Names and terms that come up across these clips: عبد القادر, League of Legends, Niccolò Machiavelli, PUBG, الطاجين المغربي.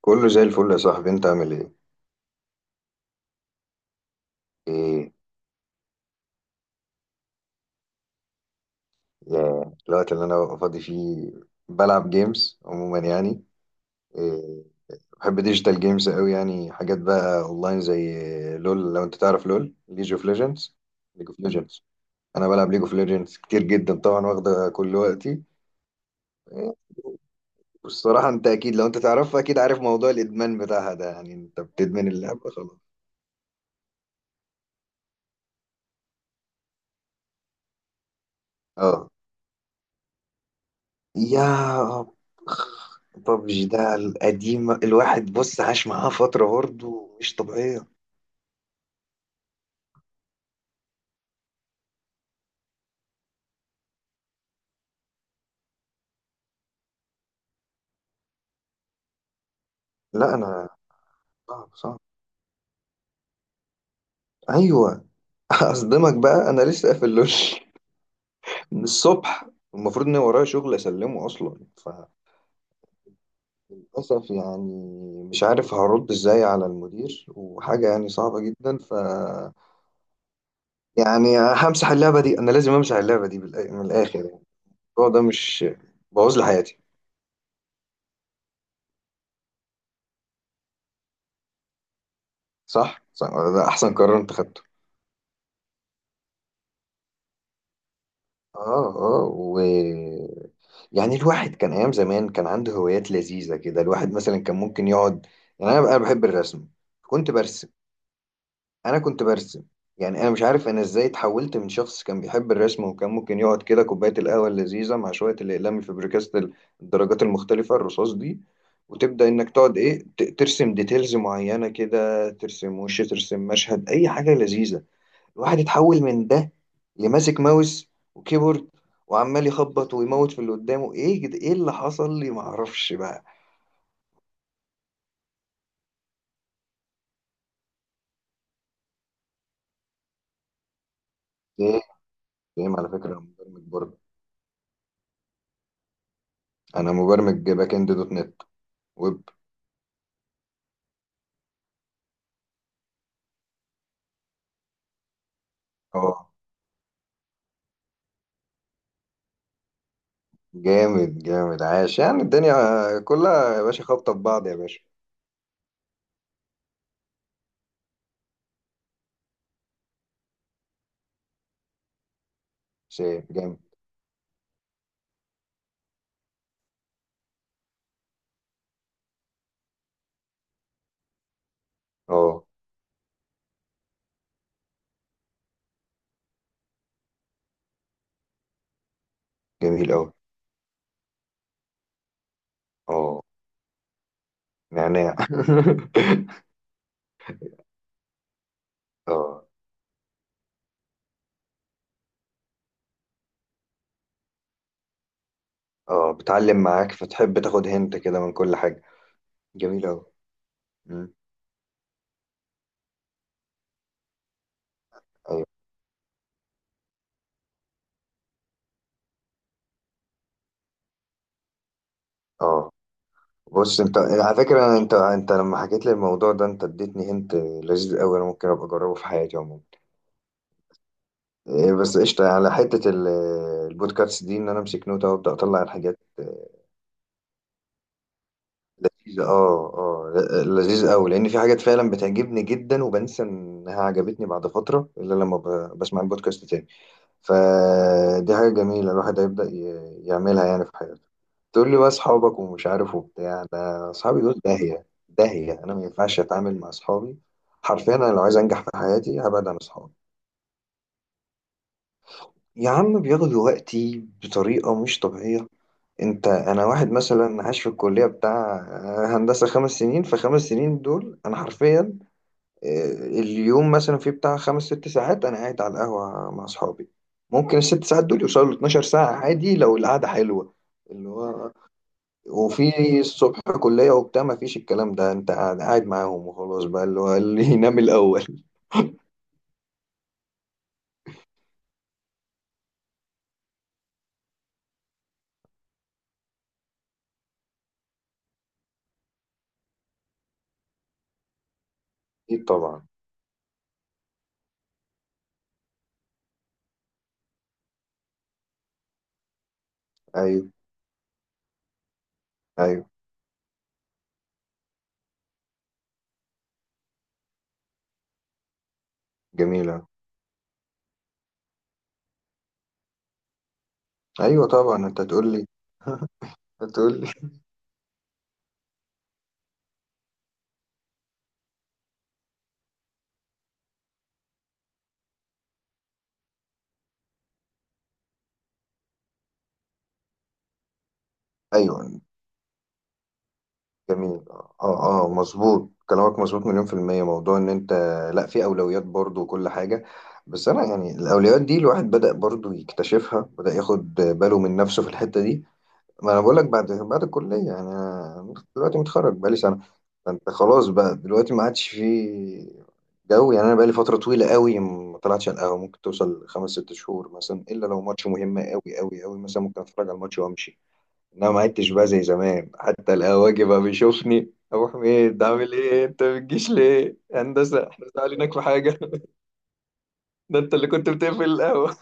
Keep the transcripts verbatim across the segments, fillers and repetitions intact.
كله زي الفل يا صاحبي، انت عامل ايه؟ ايه؟ يا الوقت اللي انا ببقى فاضي فيه بلعب جيمز عموما يعني. إيه، بحب ديجيتال جيمز قوي يعني، حاجات بقى اونلاين زي لول. لو انت تعرف لول، ليج اوف ليجندز. ليج اوف ليجندز، انا بلعب ليج اوف ليجندز كتير جدا طبعا، واخده كل وقتي. إيه، والصراحه انت اكيد لو انت تعرفها اكيد عارف موضوع الادمان بتاعها ده، يعني انت بتدمن اللعبه خلاص. اه، يا ببجي ده القديم، الواحد بص عاش معاه فترة برضه مش طبيعية. لا أنا، صعب صعب أيوه. أصدمك بقى، أنا لسه قافل لول من الصبح. المفروض إن ورايا شغل أسلمه أصلا، فللأسف يعني مش عارف هرد إزاي على المدير، وحاجة يعني صعبة جدا. ف يعني همسح اللعبة دي، أنا لازم أمسح اللعبة دي بالآ- من الآخر يعني. الموضوع ده مش بوظ لي حياتي؟ صح. صح ده أحسن قرار أنت خدته. اه اه. و يعني الواحد كان أيام زمان كان عنده هوايات لذيذة كده، الواحد مثلا كان ممكن يقعد. يعني أنا بقى بحب الرسم، كنت برسم. أنا كنت برسم. يعني أنا مش عارف أنا إزاي اتحولت من شخص كان بيحب الرسم، وكان ممكن يقعد كده كوباية القهوة اللذيذة مع شوية الأقلام الفبريكاست، الدرجات المختلفة الرصاص دي، وتبدأ إنك تقعد إيه ت- ترسم ديتيلز معينة كده، ترسم وش، ترسم مشهد، أي حاجة لذيذة. الواحد اتحول من ده لماسك ماوس وكيبورد، وعمال يخبط ويموت في اللي قدامه. ايه كده؟ ايه اللي حصل لي معرفش بقى. ايه. ايه على فكرة انا مبرمج برضه. انا مبرمج باك اند دوت نت، ويب. اه. جامد جامد، عاش. يعني الدنيا كلها يا باشا خابطة في بعض يا باشا. بس إيه، جامد. اه. جميل اوي. اه، نعناع. اه اه، بتعلم معاك فتحب تاخد هنت كده من كل حاجة. جميل اوي. مم. ايوه. اه. بص انت على فكرة، انت، انت لما حكيت لي الموضوع ده، انت اديتني هنت لذيذ قوي، انا ممكن ابقى اجربه في حياتي عموما. إيه، بس قشطة على حتة ال- البودكاست دي، ان انا امسك نوتة وابدا اطلع الحاجات لذيذة اه اه. ل- لذيذ قوي، لان في حاجات فعلا بتعجبني جدا، وبنسى انها عجبتني بعد فترة، الا لما ب- بسمع البودكاست تاني. فدي حاجة جميلة، الواحد هيبدأ ي- يعملها يعني في حياته. تقول لي بقى أصحابك ومش عارف وبتاع. ده أصحابي دول داهية داهية، أنا ما ينفعش أتعامل مع أصحابي. حرفيا أنا لو عايز أنجح في حياتي هبعد عن أصحابي. يا عم بياخدوا وقتي بطريقة مش طبيعية. أنت، أنا واحد مثلا عايش في الكلية بتاع هندسة خمس سنين. في خمس سنين دول أنا حرفيا اليوم مثلا في بتاع خمس ست ساعات انا قاعد على القهوه مع اصحابي. ممكن الست ساعات دول يوصلوا ل اتناشر ساعه عادي لو القعده حلوه. اللي هو وفي الصبح كليه وبتاع، ما فيش الكلام ده، انت قاعد قاعد معاهم وخلاص بقى، اللي هو اللي ينام الاول. اكيد طبعا. ايوه ايوه. جميله. ايوه طبعا انت تقول لي، هتقول لي. ايوه. جميل اه اه آه، مظبوط كلامك، مظبوط مليون في المية. موضوع ان انت لا، في اولويات برضو وكل حاجة. بس انا يعني الاولويات دي الواحد بدأ برضو يكتشفها، بدأ ياخد باله من نفسه في الحتة دي. ما انا بقول لك، بعد بعد الكلية يعني، أنا دلوقتي متخرج بقالي سنة. فانت خلاص بقى دلوقتي ما عادش في جو يعني. انا بقالي فترة طويلة قوي ما طلعتش على القهوة، ممكن توصل خمس ست شهور مثلا، الا لو ماتش مهم قوي قوي قوي مثلا ممكن اتفرج على الماتش وامشي. انا ما عدتش بقى زي زمان، حتى القواجي بقى بيشوفني: ابو حميد عامل ايه؟ انت ما بتجيش ليه هندسه؟ احنا زعلانينك في حاجه؟ ده انت اللي كنت بتقفل القهوه.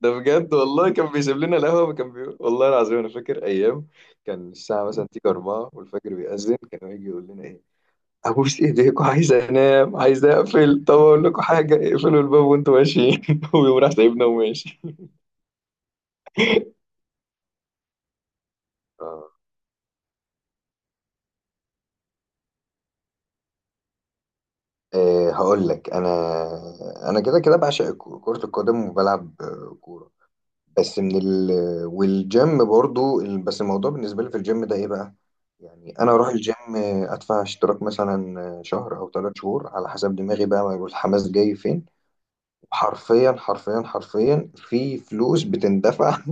ده بجد والله، كان بيسيب لنا القهوه، كان بي... والله العظيم انا فاكر ايام كان الساعه مثلا تيجي اربعة والفجر بيأذن، كان يجي يقول لنا ايه: ابوس ايديكوا عايز انام، عايز اقفل، طب اقول لكم حاجه، اقفلوا الباب وانتوا ماشيين. ويقوم راح سايبنا وماشي. أه هقول لك، انا انا كده كده بعشق الكو- كرة القدم، وبلعب آه، كورة. بس من ال والجيم برضو ال- بس الموضوع بالنسبة لي في الجيم ده ايه بقى؟ يعني انا اروح الجيم آه، ادفع اشتراك مثلا آه، شهر او ثلاث شهور على حسب دماغي بقى، ما يقول الحماس جاي فين. حرفيا حرفيا حرفيا في فلوس بتندفع.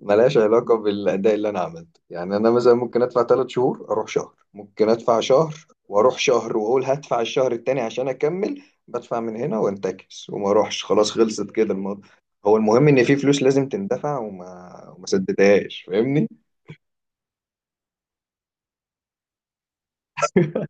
ملهاش علاقة بالأداء اللي أنا عملته. يعني أنا مثلا ممكن أدفع ثلاث شهور أروح شهر، ممكن أدفع شهر وأروح شهر وأقول هدفع الشهر التاني عشان أكمل، بدفع من هنا وأنتكس وما أروحش، خلاص خلصت كده الموضوع. هو المهم إن في فلوس لازم تندفع، وما وما سددهاش فاهمني.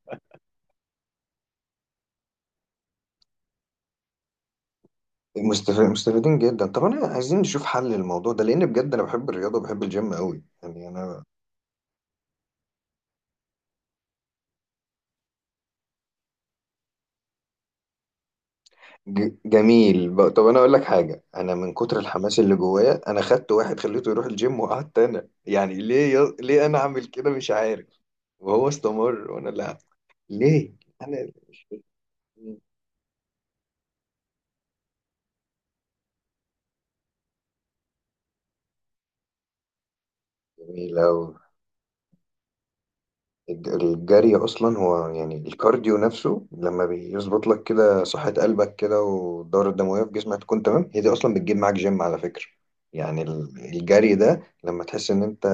مستف- مستفيدين جدا. طب أنا عايزين نشوف حل للموضوع ده، لأن بجد أنا بحب الرياضة وبحب الجيم قوي يعني أنا. ج- جميل. ب- طب انا اقول لك حاجه، انا من كتر الحماس اللي جوايا انا خدت واحد خليته يروح الجيم، وقعدت انا. يعني ليه ي... ليه انا اعمل كده مش عارف؟ وهو استمر وانا لا. ليه؟ انا مش- جميل أوي. الج- الجري اصلا هو يعني الكارديو نفسه، لما بيظبط لك كده صحة قلبك كده، والدورة الدموية في جسمك تكون تمام، هي دي اصلا بتجيب معاك جيم على فكرة. يعني ال- الجري ده لما تحس ان انت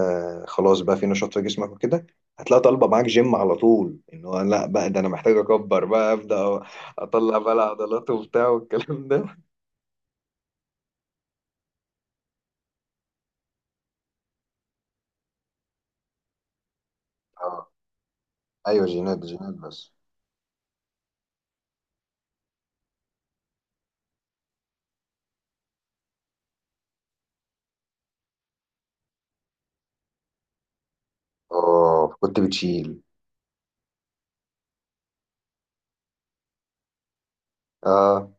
خلاص بقى في نشاط في جسمك وكده، هتلاقي طالبه معاك جيم على طول، ان هو لا بقى ده انا محتاج اكبر بقى ابدا، اطلع بقى العضلات وبتاع والكلام ده. اه، ايوه جينات، جينات بس اه كنت بتشيل. اه.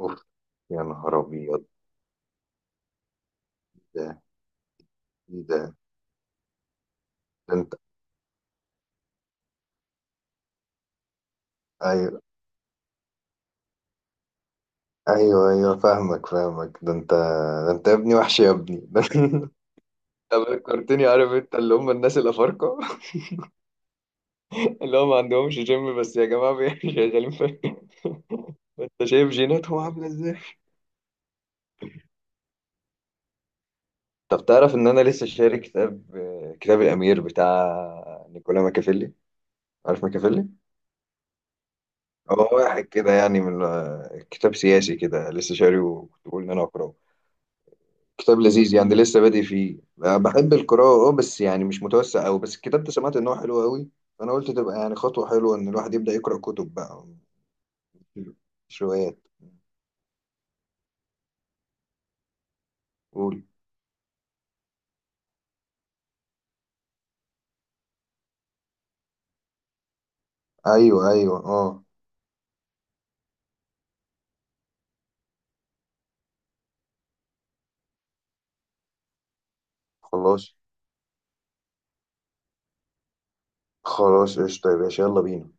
اوف، يا نهار ابيض. ده ايه ده؟ ده انت، ايوه ايوه ايوه فاهمك فاهمك. ده انت، ده انت يا ابني وحش يا ابني. ده انت فكرتني عارف انت اللي هم الناس الافارقه. اللي هم ما عندهمش جيم، بس يا جماعه بي- شغالين في. انت شايف جيناتهم عامله ازاي. طب تعرف ان انا لسه شاري كتاب؟ كتاب الامير بتاع نيكولا ماكافيلي. عارف ماكافيلي؟ هو واحد كده يعني من، كتاب سياسي كده، لسه شاريه وكنت بقول ان انا اقراه. كتاب لذيذ يعني لسه بادئ فيه. آه، بحب القراءة اه، بس يعني مش متوسع أوي، بس الكتاب ده سمعت إن هو حلو أوي، فأنا قلت تبقى يعني خطوة حلوة إن الواحد يبدأ يقرأ كتب بقى. مش روايات؟ قول. أيوه أيوه اه. خلاص، خلاص قشطة يا باشا، يلا بينا.